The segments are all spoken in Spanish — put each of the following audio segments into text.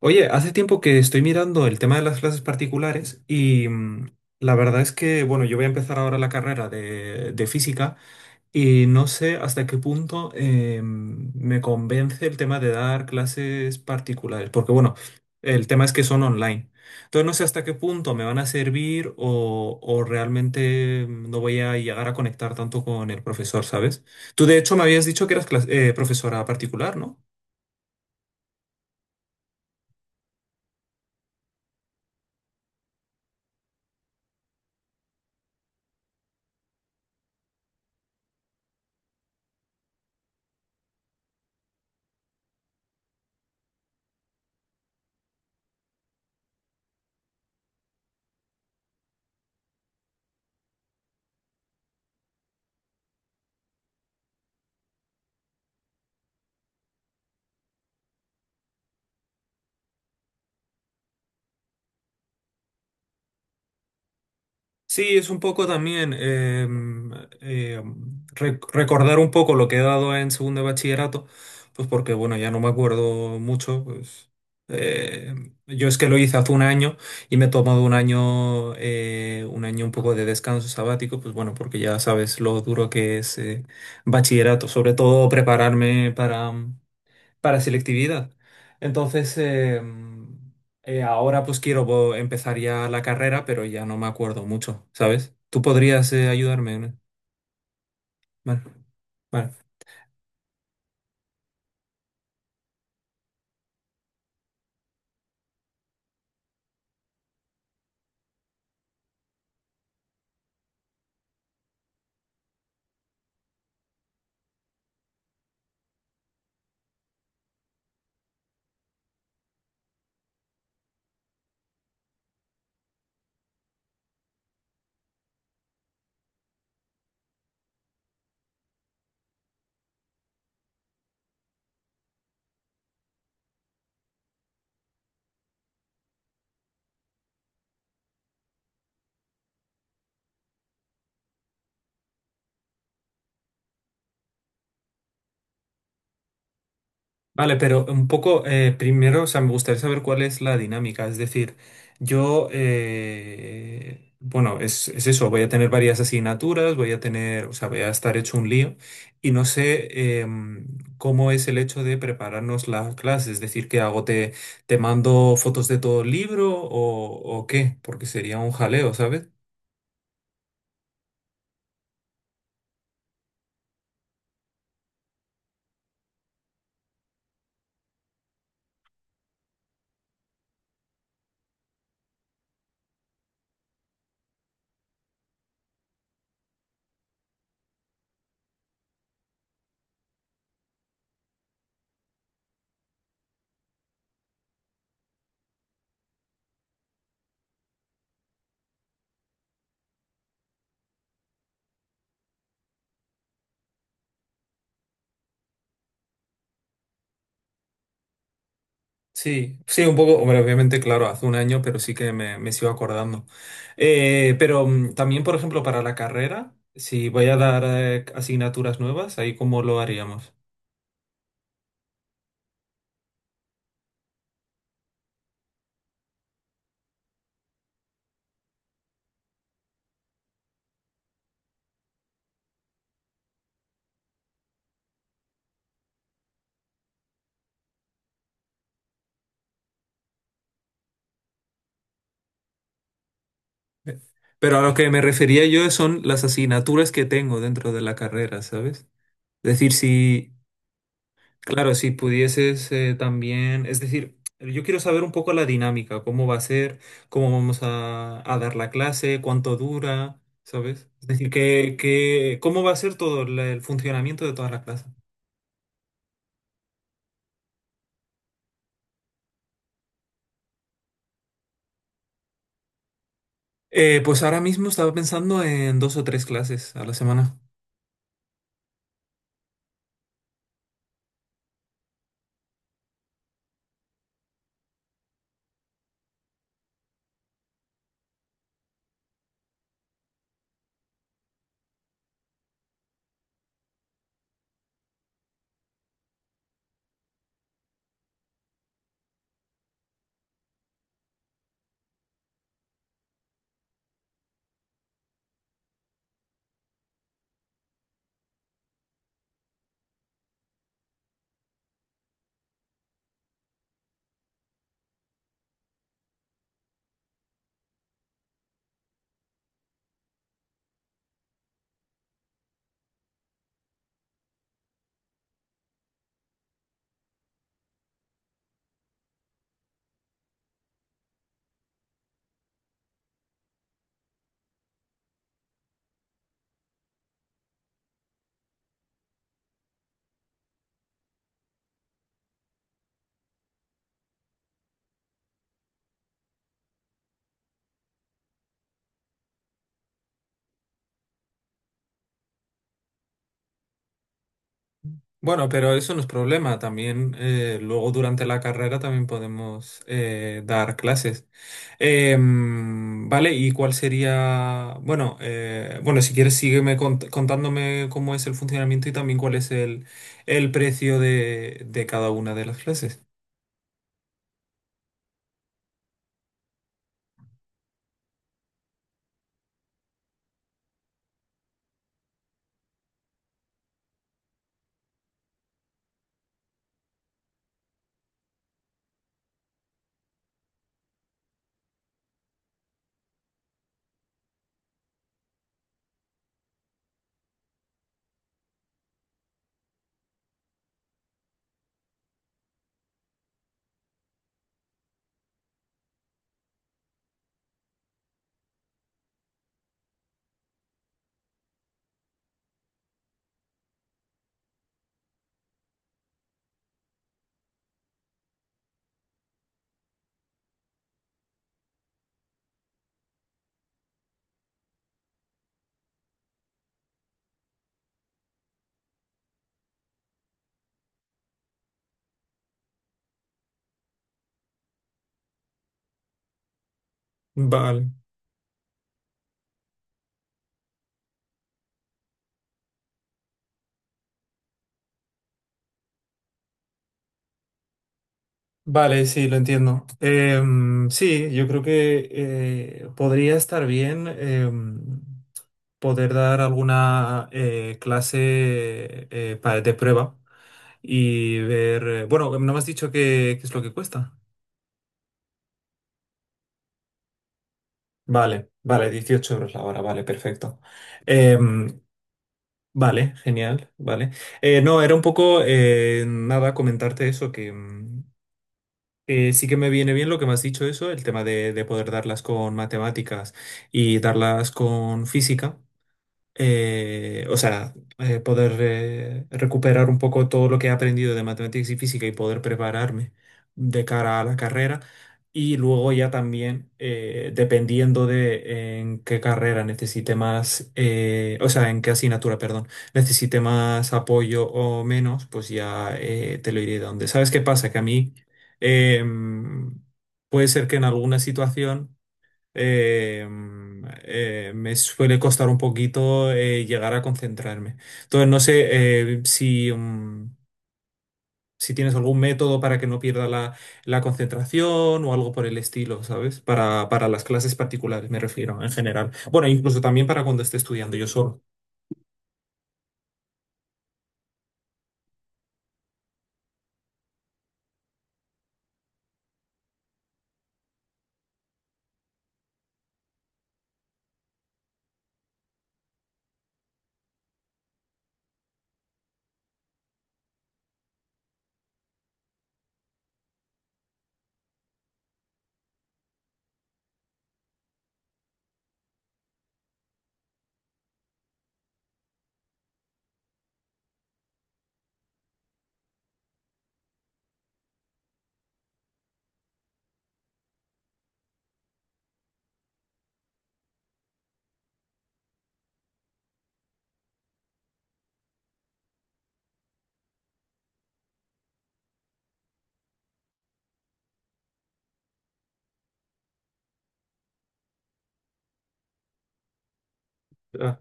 Oye, hace tiempo que estoy mirando el tema de las clases particulares y la verdad es que, bueno, yo voy a empezar ahora la carrera de física y no sé hasta qué punto me convence el tema de dar clases particulares, porque, bueno, el tema es que son online. Entonces no sé hasta qué punto me van a servir o realmente no voy a llegar a conectar tanto con el profesor, ¿sabes? Tú, de hecho, me habías dicho que eras profesora particular, ¿no? Sí, es un poco también recordar un poco lo que he dado en segundo de bachillerato, pues porque bueno, ya no me acuerdo mucho, pues eh, yo es que lo hice hace un año y me he tomado un año, un año un poco de descanso sabático, pues bueno, porque ya sabes lo duro que es bachillerato, sobre todo prepararme para selectividad. Entonces, eh, Ahora pues quiero empezar ya la carrera, pero ya no me acuerdo mucho, ¿sabes? ¿Tú podrías ayudarme? ¿No? Vale, vale. Vale, pero un poco primero, o sea, me gustaría saber cuál es la dinámica. Es decir, yo, bueno, es eso, voy a tener varias asignaturas, voy a tener, o sea, voy a estar hecho un lío y no sé cómo es el hecho de prepararnos la clase. Es decir, ¿qué hago? Te mando fotos de todo el libro o qué? Porque sería un jaleo, ¿sabes? Sí, sí, un poco, hombre, obviamente, claro, hace un año, pero sí que me sigo acordando. Pero también, por ejemplo, para la carrera, si voy a dar asignaturas nuevas, ahí cómo lo haríamos. Eh, Pero a lo que me refería yo son las asignaturas que tengo dentro de la carrera, ¿sabes? Es decir, si, claro, si pudieses también, es decir, yo quiero saber un poco la dinámica, cómo va a ser, cómo vamos a dar la clase, cuánto dura, ¿sabes? Es decir, cómo va a ser todo el funcionamiento de todas las clases. Pues ahora mismo estaba pensando en dos o tres clases a la semana. Bueno, pero eso no es problema. También luego durante la carrera también podemos dar clases. Vale, ¿y cuál sería? Bueno, bueno, si quieres sígueme contándome cómo es el funcionamiento y también cuál es el precio de cada una de las clases. Vale. Vale, sí, lo entiendo. Sí, yo creo que podría estar bien poder dar alguna clase de prueba y ver... bueno, no me has dicho qué es lo que cuesta. Vale, vale, 18 € la hora, vale, perfecto. Em, vale, genial, vale. No, era un poco, nada, comentarte eso, que sí que me viene bien lo que me has dicho eso, el tema de poder darlas con matemáticas y darlas con física, o sea, poder recuperar un poco todo lo que he aprendido de matemáticas y física y poder prepararme de cara a la carrera. Y luego ya también, dependiendo de en qué carrera necesite más, o sea, en qué asignatura, perdón, necesite más apoyo o menos, pues ya te lo iré dando. ¿Sabes qué pasa? Que a mí em, puede ser que en alguna situación eh, me suele costar un poquito llegar a concentrarme. Entonces, no sé eh, si, mm, si tienes algún método para que no pierda la concentración o algo por el estilo, ¿sabes? Para las clases particulares, me refiero, en general. Bueno, incluso también para cuando esté estudiando yo solo. Ah,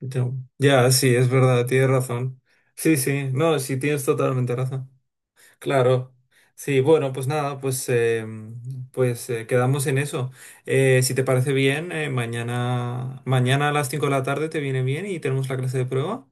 ya, ya, sí, es verdad, tienes razón. Sí, sí, no, sí, tienes totalmente razón. Claro. Sí, bueno, pues nada, quedamos en eso. Si te parece bien, mañana a las 5 de la tarde te viene bien y tenemos la clase de prueba.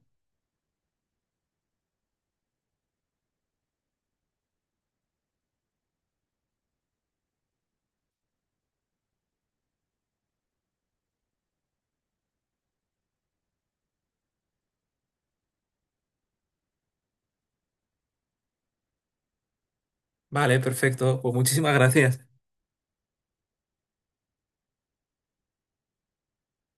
Vale, perfecto. Pues muchísimas gracias.